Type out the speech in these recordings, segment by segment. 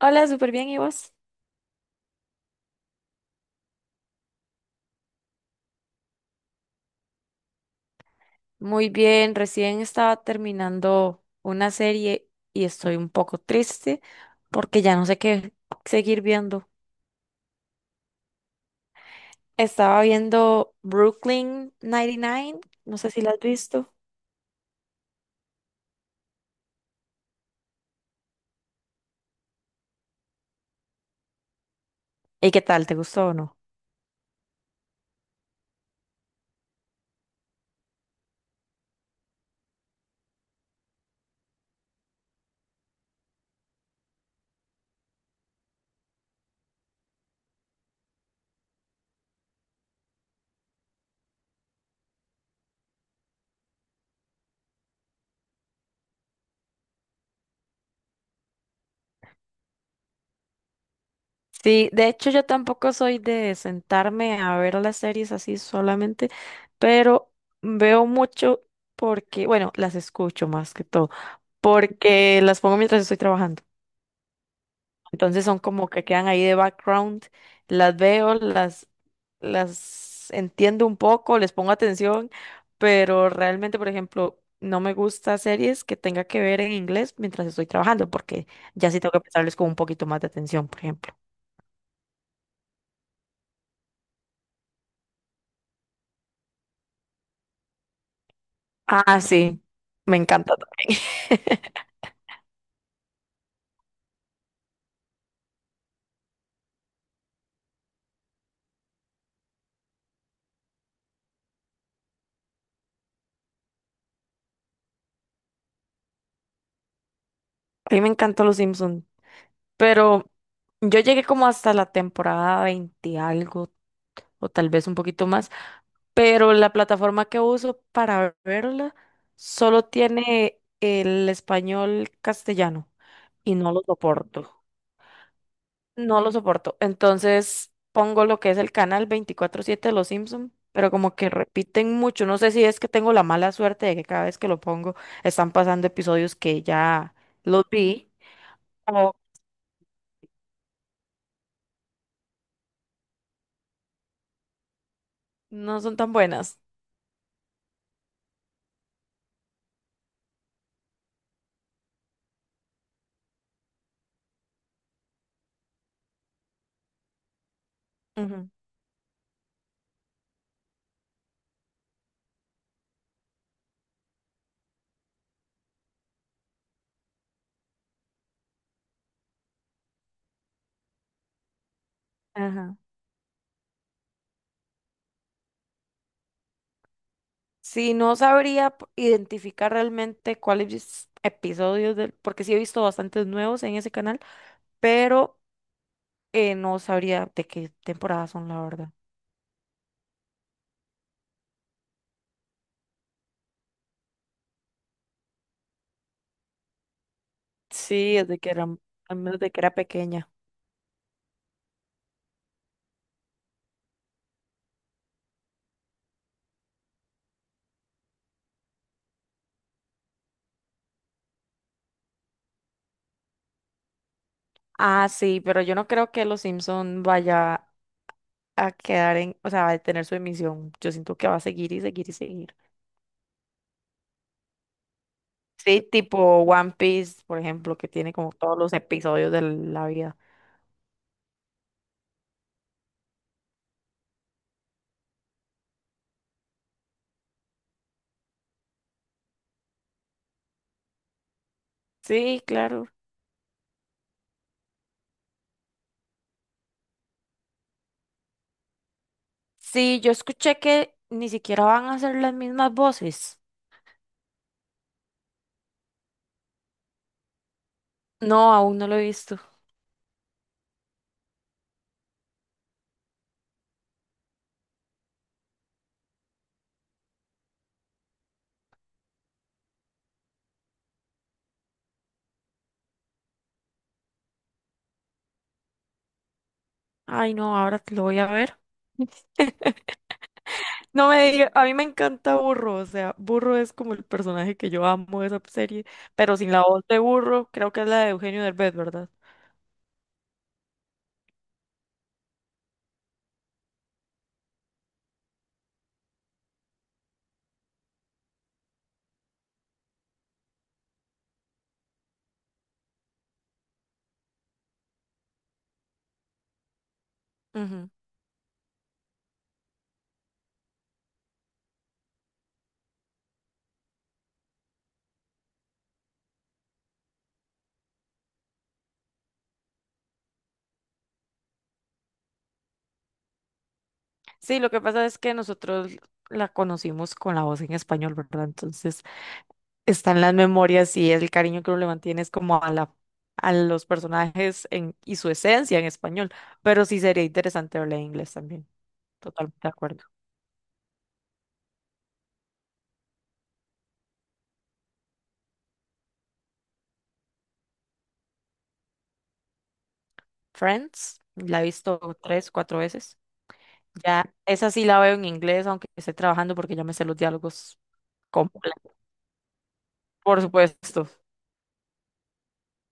Hola, súper bien, ¿y vos? Muy bien, recién estaba terminando una serie y estoy un poco triste porque ya no sé qué seguir viendo. Estaba viendo Brooklyn 99, no sé si la has visto. ¿Y qué tal? ¿Te gustó o no? Sí, de hecho yo tampoco soy de sentarme a ver las series así solamente, pero veo mucho porque, bueno, las escucho más que todo, porque las pongo mientras estoy trabajando. Entonces son como que quedan ahí de background, las veo, las entiendo un poco, les pongo atención, pero realmente, por ejemplo, no me gusta series que tenga que ver en inglés mientras estoy trabajando, porque ya sí tengo que prestarles con un poquito más de atención, por ejemplo. Ah, sí, me encanta también. A mí me encantó Los Simpson, pero yo llegué como hasta la temporada 20 algo, o tal vez un poquito más, pero la plataforma que uso para verla solo tiene el español castellano y no lo soporto. No lo soporto. Entonces pongo lo que es el canal 24/7 de Los Simpson, pero como que repiten mucho. No sé si es que tengo la mala suerte de que cada vez que lo pongo están pasando episodios que ya los vi o no son tan buenas. Ujú. Ajá. Sí, no sabría identificar realmente cuáles episodios del, porque sí he visto bastantes nuevos en ese canal, pero no sabría de qué temporada son, la verdad. Sí, desde que era, al menos de que era pequeña. Ah, sí, pero yo no creo que Los Simpson vaya a quedar en, o sea, va a tener su emisión. Yo siento que va a seguir y seguir y seguir. Sí, tipo One Piece, por ejemplo, que tiene como todos los episodios de la vida. Sí, claro. Sí, yo escuché que ni siquiera van a hacer las mismas voces. No, aún no lo he visto. Ay, no, ahora te lo voy a ver. No me diga, a mí me encanta Burro, o sea, Burro es como el personaje que yo amo de esa serie, pero sin la voz de Burro, creo que es la de Eugenio Derbez, ¿verdad? Ujú. Sí, lo que pasa es que nosotros la conocimos con la voz en español, ¿verdad? Entonces, están las memorias y el cariño que uno le mantiene es como a la, a los personajes en, y su esencia en español. Pero sí sería interesante verla en inglés también. Totalmente de acuerdo. Friends, la he visto tres, cuatro veces. Ya, esa sí la veo en inglés, aunque esté trabajando porque ya me sé los diálogos completos. Por supuesto,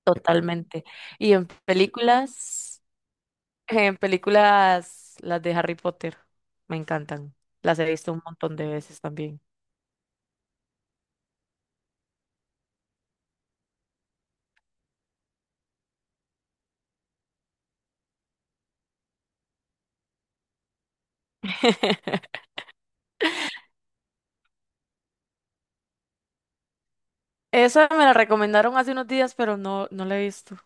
totalmente. Y en películas, las de Harry Potter, me encantan. Las he visto un montón de veces también. Esa me la recomendaron hace unos días, pero no, no la he visto.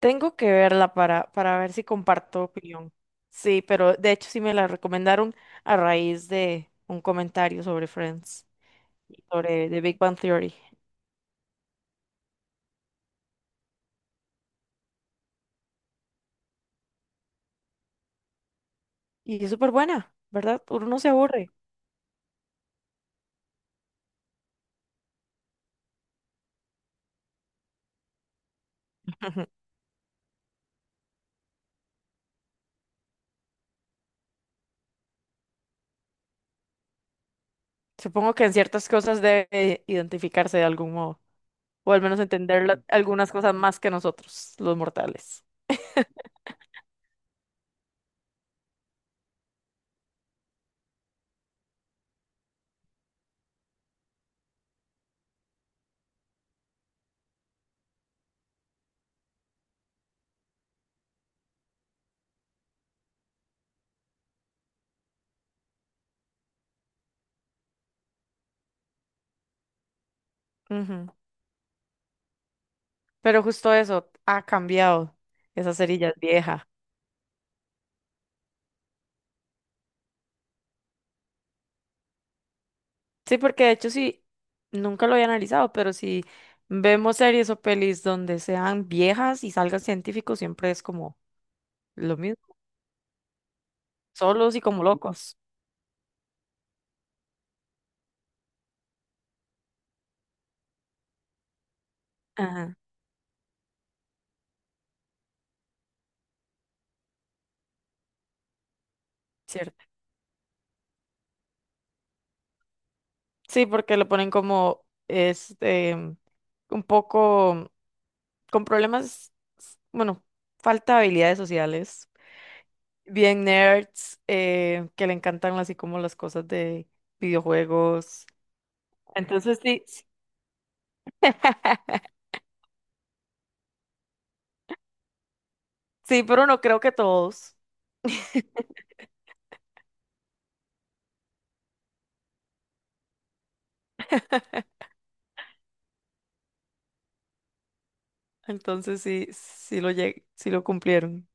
Tengo que verla para ver si comparto opinión. Sí, pero de hecho sí me la recomendaron a raíz de un comentario sobre Friends, y sobre The Big Bang Theory. Y es súper buena, ¿verdad? Uno no se aburre. Supongo que en ciertas cosas debe identificarse de algún modo, o al menos entender algunas cosas más que nosotros, los mortales. Ujú. Pero justo eso ha cambiado. Esa cerilla es vieja. Sí, porque de hecho sí, nunca lo había analizado, pero si vemos series o pelis donde sean viejas y salgan científicos, siempre es como lo mismo, solos y como locos. Ajá, cierto. Sí, porque lo ponen como este un poco con problemas, bueno, falta de habilidades sociales, bien nerds, que le encantan así como las cosas de videojuegos. Entonces sí, sí, sí, pero no creo que todos. Entonces sí, sí lo llegué, sí lo cumplieron.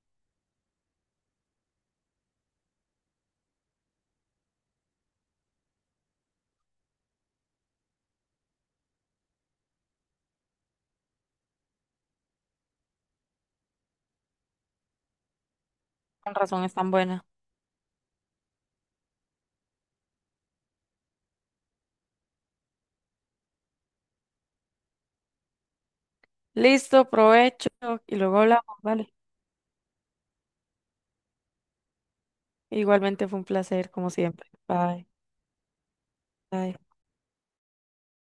Con razón es tan buena. Listo, provecho y luego hablamos, vale. Igualmente fue un placer, como siempre. Bye, bye.